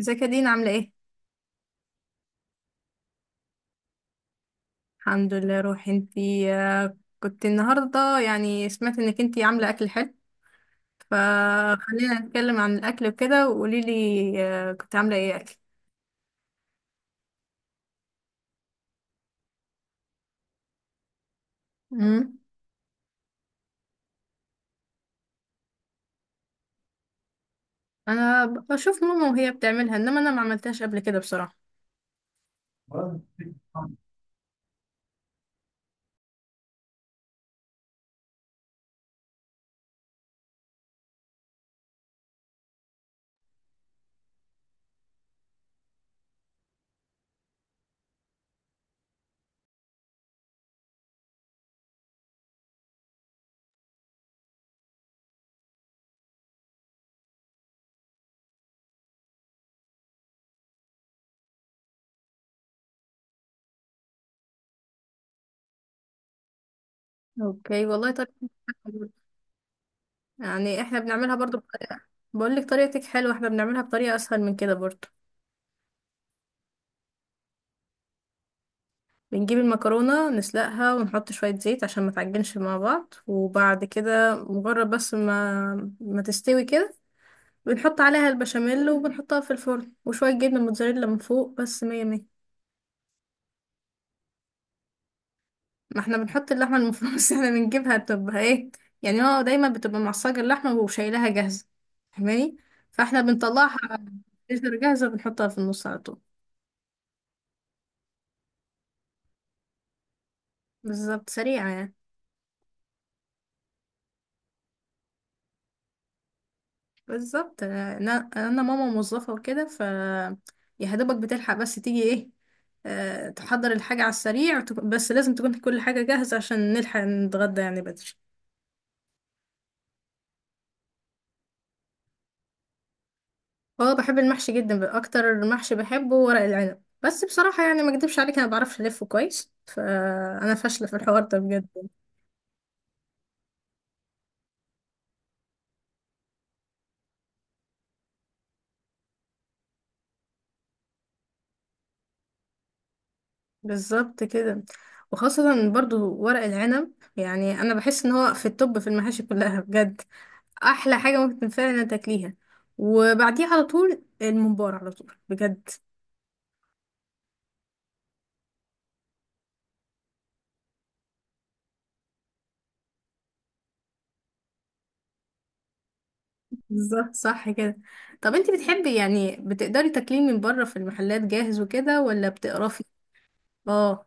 ازيك يا دينا عاملة ايه؟ الحمد لله. روحي انتي. كنت النهاردة يعني سمعت انك انتي عاملة اكل حلو، فخلينا نتكلم عن الاكل وكده وقوليلي. كنت عاملة ايه اكل؟ امم انا بشوف ماما وهي بتعملها، انما انا ما عملتهاش قبل كده بصراحة. اوكي والله طريقة. يعني احنا بنعملها برضو بطريقة. بقولك طريقتك حلوة، احنا بنعملها بطريقة اسهل من كده برضو. بنجيب المكرونة نسلقها ونحط شوية زيت عشان ما تعجنش مع بعض، وبعد كده مجرد بس ما تستوي كده، بنحط عليها البشاميل وبنحطها في الفرن وشوية جبنة موتزاريلا من فوق، بس مية مية. ما احنا بنحط اللحمة المفرومة، بس احنا بنجيبها تبقى ايه، يعني هو دايما بتبقى معصجة اللحمة وشايلها جاهزة. فاهماني؟ فاحنا بنطلعها تقدر جاهزة بنحطها في النص على طول. بالظبط، سريعة يعني. بالظبط، انا ماما موظفه وكده، ف يا دوبك بتلحق. بس تيجي ايه، تحضر الحاجه على السريع بس لازم تكون كل حاجه جاهزه عشان نلحق نتغدى يعني بدري. اه، بحب المحشي جدا بقى. اكتر محشي بحبه ورق العنب، بس بصراحه يعني ما اكدبش عليك، انا ما بعرفش الفه كويس، فانا فاشله في الحوار ده بجد. بالظبط كده، وخاصه برضو ورق العنب. يعني انا بحس ان هو في التوب في المحاشي كلها بجد، احلى حاجه ممكن فعلا تاكليها، وبعديه على طول الممبار على طول بجد. بالظبط، صح كده. طب انت بتحبي يعني بتقدري تاكليه من بره في المحلات جاهز وكده، ولا بتقرفي؟ اه.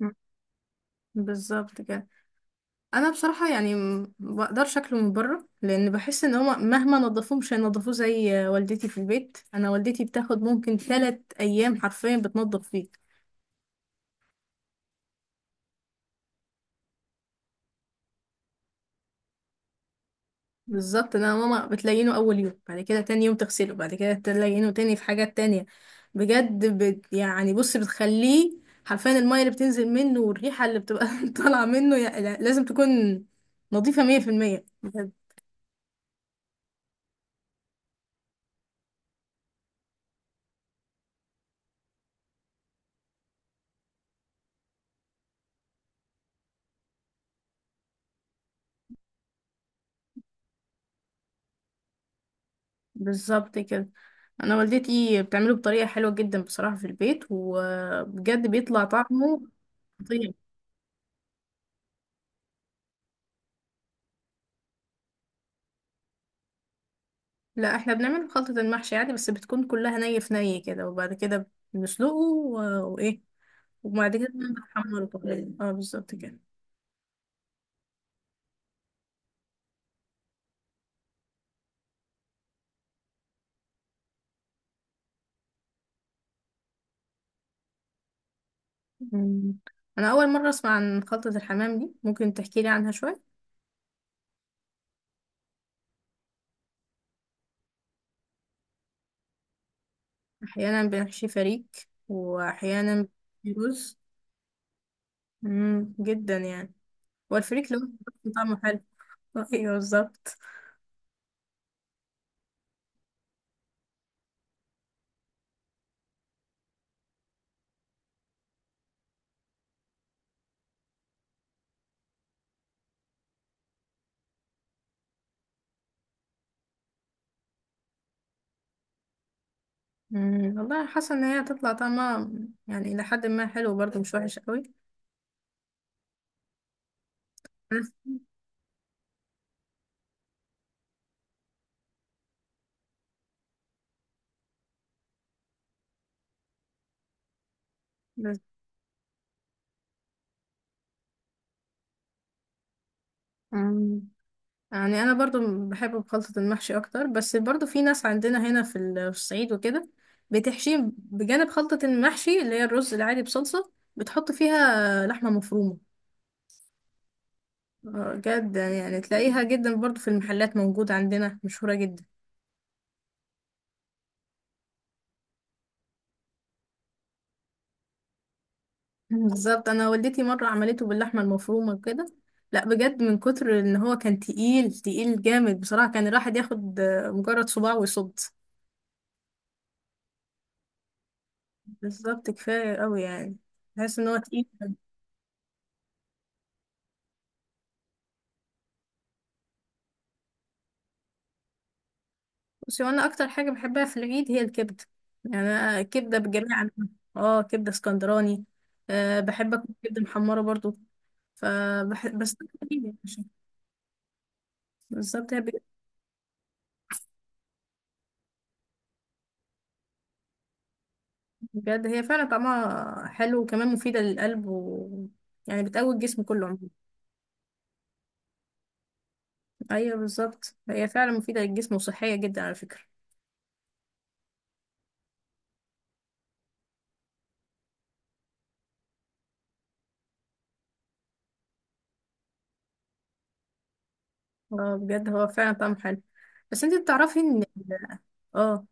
م- بالظبط كده. انا بصراحه يعني بقدرش اكله من بره، لان بحس ان هما مهما نظفوه مش هينضفوه زي والدتي في البيت. انا والدتي بتاخد ممكن 3 ايام حرفيا بتنظف فيه. بالظبط، انا ماما بتلينه اول يوم، بعد كده تاني يوم تغسله، بعد كده تلينه تاني في حاجات تانية. بجد، يعني بص بتخليه حرفيا المية اللي بتنزل منه والريحة اللي بتبقى طالعة منه لازم تكون نظيفة مية في المية بجد. بالظبط كده. انا والدتي بتعمله بطريقة حلوة جدا بصراحة في البيت، وبجد بيطلع طعمه خطير. لا، احنا بنعمله خلطة المحشي عادي، بس بتكون كلها ني في ني كده، وبعد كده بنسلقه وايه، وبعد كده كمان بتحمره طبعا. اه، بالظبط كده. مم. انا اول مره اسمع عن خلطه الحمام دي، ممكن تحكي لي عنها شويه؟ احيانا بنحشي فريك، واحيانا بنحشي رز. مم، جدا يعني. والفريك لو طعمه حلو ايوه بالظبط. مم. والله حاسه ان هي هتطلع طعمها يعني الى حد ما حلو برضه، مش وحش قوي. بس. بس. مم. يعني انا برضو بحب خلطة المحشي اكتر، بس برضو في ناس عندنا هنا في في الصعيد وكده بتحشيه بجانب خلطة المحشي اللي هي الرز العادي بصلصة بتحط فيها لحمة مفرومة. جدا يعني، تلاقيها جدا برضو في المحلات، موجودة عندنا مشهورة جدا. بالظبط، انا والدتي مرة عملته باللحمة المفرومة وكده، لا بجد من كتر ان هو كان تقيل تقيل جامد بصراحة، كان الواحد ياخد مجرد صباع ويصد. بالظبط، كفاية قوي يعني، بحس ان هو تقيل. بصي، وانا اكتر حاجه بحبها في العيد هي الكبده. يعني أنا كبده بجميع انواعها. اه، كبده اسكندراني، أه، بحب اكل كبده محمره برضو. بس. بالظبط هي بجد هي فعلا طعمها حلو، وكمان مفيده للقلب، و... يعني بتقوي الجسم كله عموما. ايوه بالظبط، هي فعلا مفيده للجسم وصحيه جدا على فكره. اه بجد، هو فعلا طعمه حلو. بس انت بتعرفي ان اه،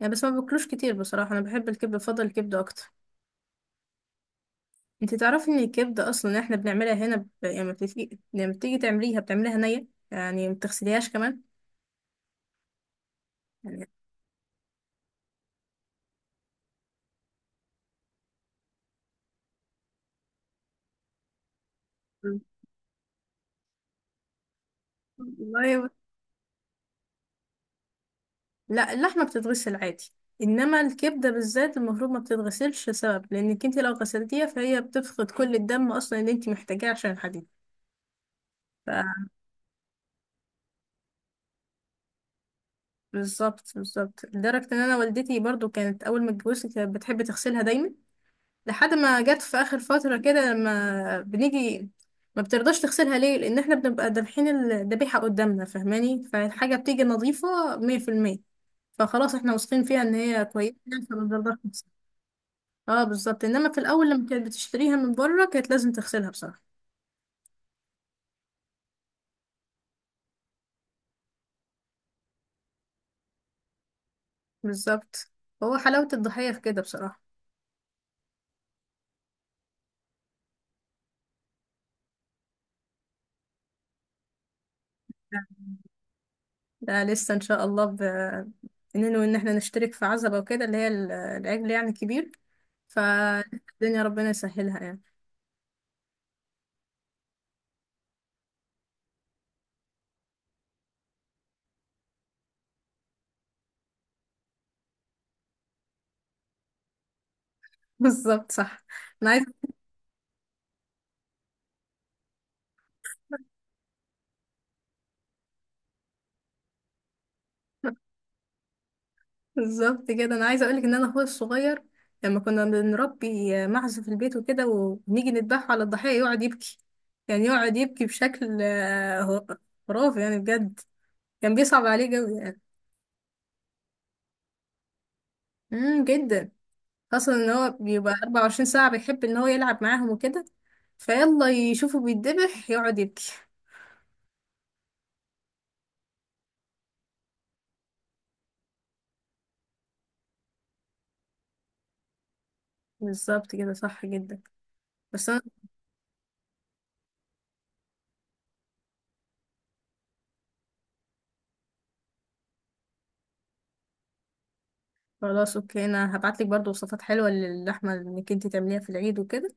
يعني بس ما باكلوش كتير بصراحه، انا بحب الكبده، بفضل الكبده اكتر. انت تعرفي ان الكبده اصلا احنا بنعملها هنا ب، لما بتيجي لما بتيجي تعمليها بتعمليها نيه يعني، ما بتغسليهاش كمان يعني. والله، لا اللحمه بتتغسل عادي، انما الكبده بالذات المفروض ما بتتغسلش، سبب لانك انت لو غسلتيها فهي بتفقد كل الدم اصلا اللي انت محتاجاه عشان الحديد. ف- بالظبط لدرجه ان انا والدتي برضو كانت اول ما اتجوزت كانت بتحب تغسلها دايما، لحد ما جت في اخر فتره كده لما بنيجي ما بترضاش تغسلها. ليه؟ لان احنا بنبقى دابحين الذبيحه قدامنا، فاهماني؟ فالحاجه بتيجي نظيفه 100%، فخلاص احنا واثقين فيها ان هي كويسه، فما بنرضاش نغسلها. اه بالظبط، انما في الاول لما كانت بتشتريها من بره كانت لازم تغسلها بصراحه. بالظبط، هو حلاوه الضحيه في كده بصراحه. ده لسه ان شاء الله، اننا ان احنا نشترك في عزبه وكده، اللي هي العجل يعني كبير، فالدنيا ربنا يسهلها يعني. بالظبط، صح. انا عايزه. بالظبط كده، انا عايزه اقولك ان انا اخويا الصغير لما كنا بنربي معزه في البيت وكده ونيجي نذبحه على الضحيه يقعد يبكي. يعني يقعد يبكي بشكل خرافي يعني بجد، كان بيصعب عليه قوي يعني. جدا، خاصه ان هو بيبقى 24 ساعه بيحب ان هو يلعب معاهم وكده، فيلا يشوفه بيتذبح يقعد يبكي. بالظبط كده، صح جدا. بس انا خلاص. اوكي انا هبعتلك برضو وصفات حلوه للحمه انك انت تعمليها في العيد وكده،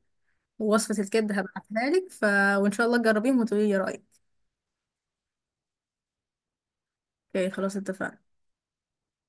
ووصفة الكبدة هبعتها لك وإن شاء الله تجربيهم وتقولي لي رأيك. اوكي خلاص، اتفقنا.